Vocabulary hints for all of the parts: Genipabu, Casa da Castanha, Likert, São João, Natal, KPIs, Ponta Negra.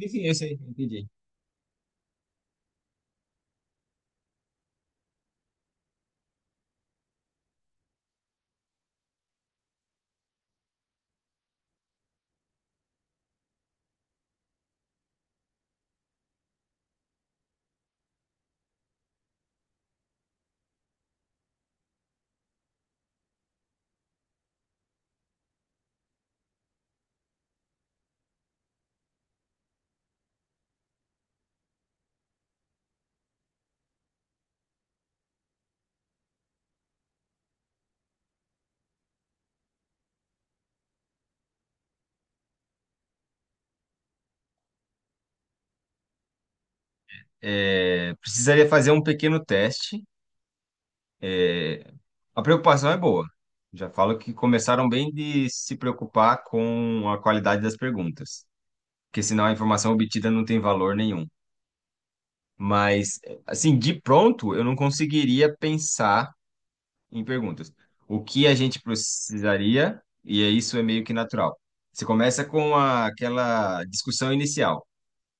Sim, sim, eu sei, entendi. É, precisaria fazer um pequeno teste. É, a preocupação é boa. Já falo que começaram bem de se preocupar com a qualidade das perguntas, porque senão a informação obtida não tem valor nenhum. Mas, assim, de pronto, eu não conseguiria pensar em perguntas. O que a gente precisaria, e é isso é meio que natural. Você começa com aquela discussão inicial.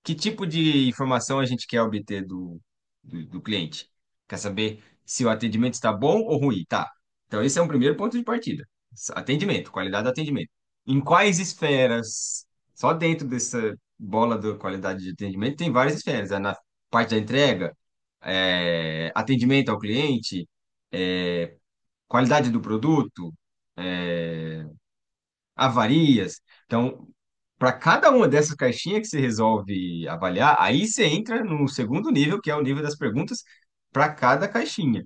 Que tipo de informação a gente quer obter do cliente? Quer saber se o atendimento está bom ou ruim? Tá. Então, esse é um primeiro ponto de partida. Atendimento, qualidade do atendimento. Em quais esferas? Só dentro dessa bola da qualidade de atendimento tem várias esferas. É na parte da entrega, é, atendimento ao cliente, qualidade do produto, é, avarias. Então, para cada uma dessas caixinhas que você resolve avaliar, aí você entra no segundo nível, que é o nível das perguntas para cada caixinha.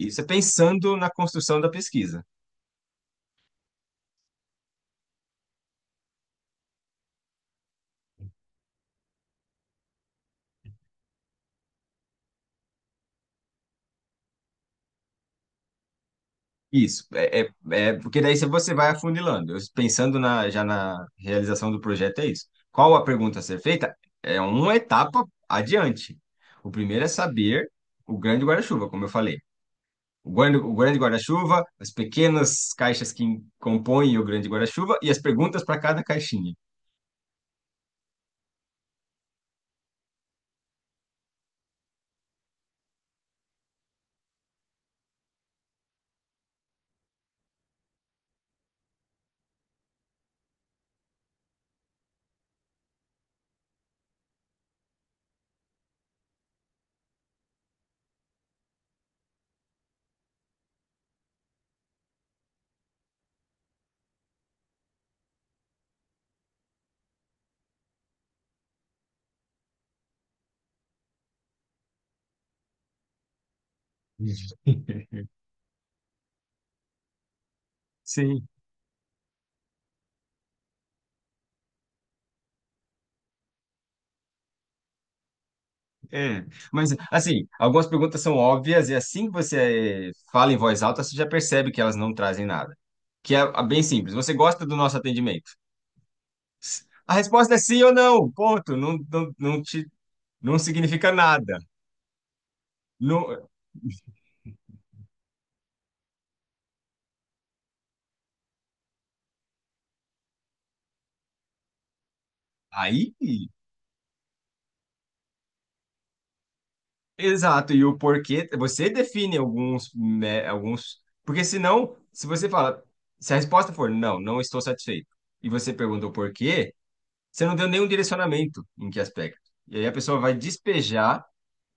Isso é pensando na construção da pesquisa. Isso, porque daí você vai afunilando. Eu, pensando na, já na realização do projeto, é isso. Qual a pergunta a ser feita? É uma etapa adiante. O primeiro é saber o grande guarda-chuva, como eu falei. O grande guarda-chuva, as pequenas caixas que compõem o grande guarda-chuva e as perguntas para cada caixinha. Sim, é. Mas, assim, algumas perguntas são óbvias e assim que você fala em voz alta, você já percebe que elas não trazem nada. Que é bem simples. Você gosta do nosso atendimento? A resposta é sim ou não. Ponto. Não, não, não significa nada. Não, aí. Exato, e o porquê, você define alguns, né, alguns, porque senão, se você fala, se a resposta for não, não estou satisfeito, e você pergunta o porquê, você não deu nenhum direcionamento em que aspecto. E aí a pessoa vai despejar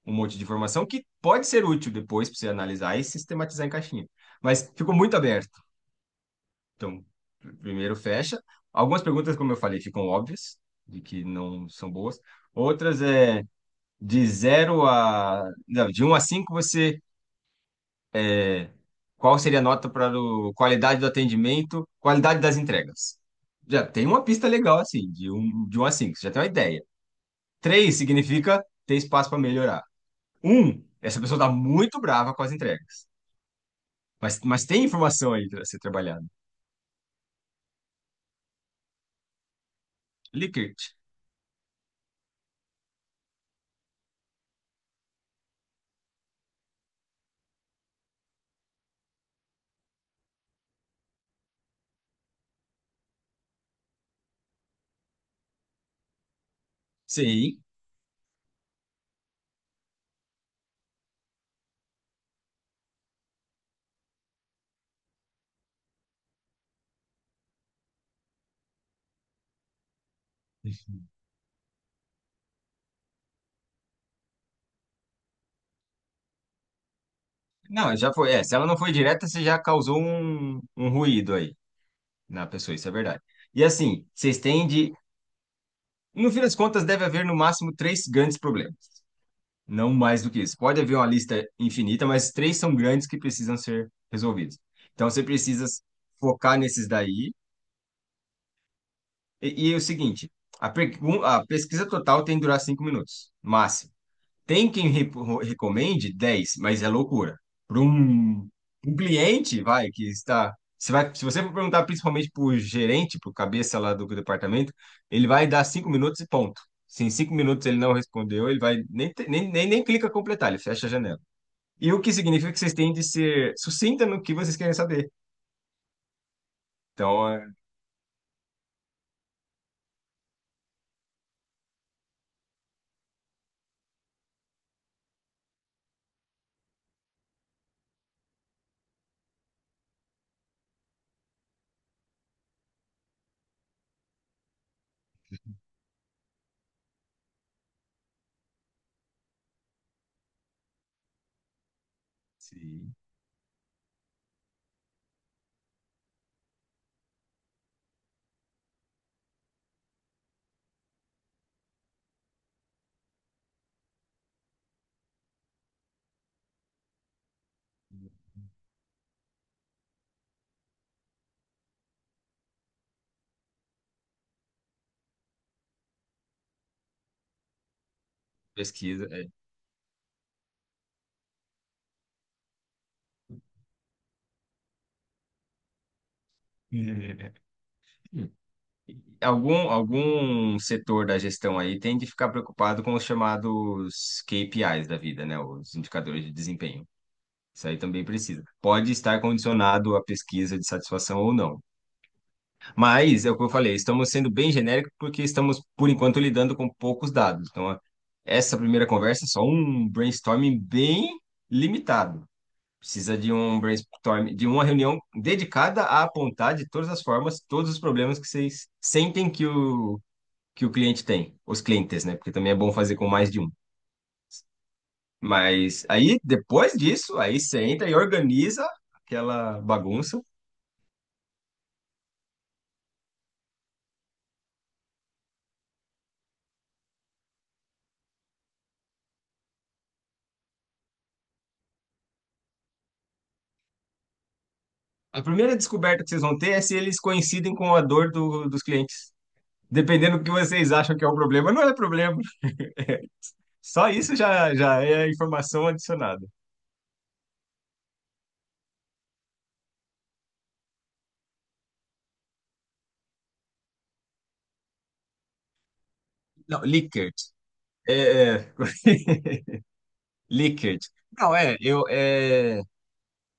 um monte de informação que pode ser útil depois para você analisar e sistematizar em caixinha. Mas ficou muito aberto. Então, primeiro fecha. Algumas perguntas, como eu falei, ficam óbvias, de que não são boas. Outras é de zero a, não, de um a 5 você. Qual seria a nota para o qualidade do atendimento, qualidade das entregas? Já tem uma pista legal assim, de um a cinco, você já tem uma ideia. Três significa ter espaço para melhorar. Um, essa pessoa está muito brava com as entregas. Mas tem informação aí para ser trabalhada. Likert. Sim. Não, já foi. É, se ela não foi direta, você já causou um ruído aí na pessoa, isso é verdade. E assim, vocês têm de. No fim das contas, deve haver no máximo três grandes problemas. Não mais do que isso. Pode haver uma lista infinita, mas três são grandes que precisam ser resolvidos. Então você precisa focar nesses daí. E é o seguinte: a pesquisa total tem que durar 5 minutos, máximo. Tem quem recomende 10, mas é loucura. Para um cliente, vai, que está. Você vai, se você for perguntar principalmente para o gerente, para o cabeça lá do departamento, ele vai dar 5 minutos e ponto. Se em 5 minutos ele não respondeu, ele vai nem, te- nem, nem, nem clica completar, ele fecha a janela. E o que significa que vocês têm de ser sucinta no que vocês querem saber. Então, é, se pesquisa. É. Algum, algum setor da gestão aí tem de ficar preocupado com os chamados KPIs da vida, né? Os indicadores de desempenho. Isso aí também precisa. Pode estar condicionado à pesquisa de satisfação ou não. Mas, é o que eu falei, estamos sendo bem genéricos porque estamos, por enquanto, lidando com poucos dados. Então, essa primeira conversa é só um brainstorming bem limitado. Precisa de um brainstorm, de uma reunião dedicada a apontar de todas as formas todos os problemas que vocês sentem que o cliente tem, os clientes, né? Porque também é bom fazer com mais de um. Mas aí, depois disso, aí você entra e organiza aquela bagunça. A primeira descoberta que vocês vão ter é se eles coincidem com a dor dos clientes. Dependendo do que vocês acham que é o problema, não é problema. Só isso já é informação adicionada. Não, Likert. É, é. Likert. Não, é, eu, é,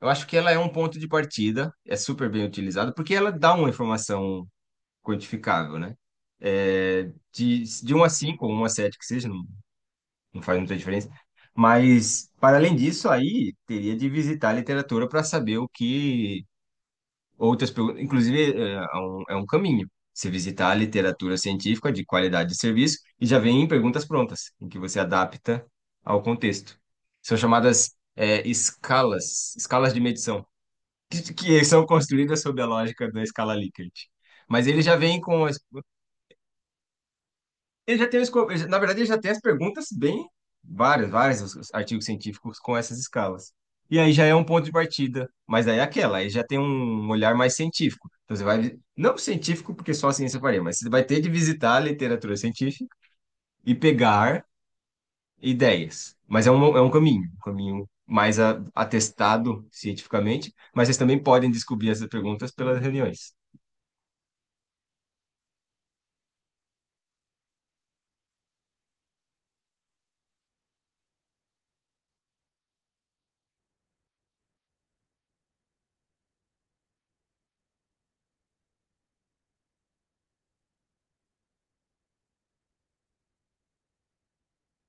eu acho que ela é um ponto de partida, é super bem utilizada, porque ela dá uma informação quantificável, né? É, de um a 5 ou um a 7 que seja, não, não faz muita diferença. Mas, para além disso, aí teria de visitar a literatura para saber o que. Outras, perguntas- inclusive, é um caminho. Você visitar a literatura científica de qualidade de serviço e já vem em perguntas prontas, em que você adapta ao contexto. São chamadas, é, escalas de medição, que são construídas sob a lógica da escala Likert. Mas ele já vem com, ele já tem, na verdade, ele já tem as perguntas bem várias, várias os artigos científicos com essas escalas. E aí já é um ponto de partida, mas aí é aquela, aí já tem um olhar mais científico. Então você vai, não científico, porque só a ciência faria, mas você vai ter de visitar a literatura científica e pegar ideias. Mas é um caminho, um caminho mais atestado cientificamente, mas vocês também podem descobrir essas perguntas pelas reuniões.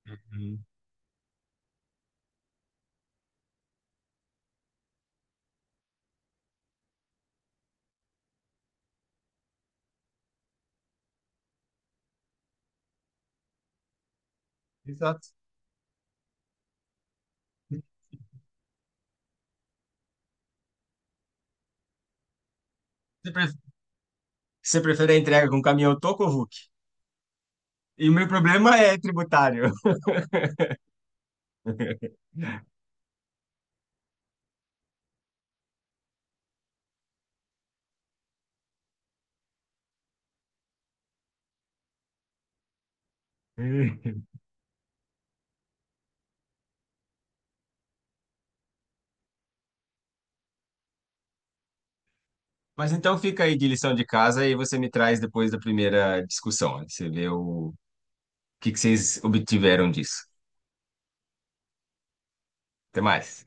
Uhum. Exato. Você você prefere a entrega com um caminhão toco ou Hulk? E o meu problema é tributário. Mas então fica aí de lição de casa e você me traz depois da primeira discussão, né? Você vê o que que vocês obtiveram disso. Até mais.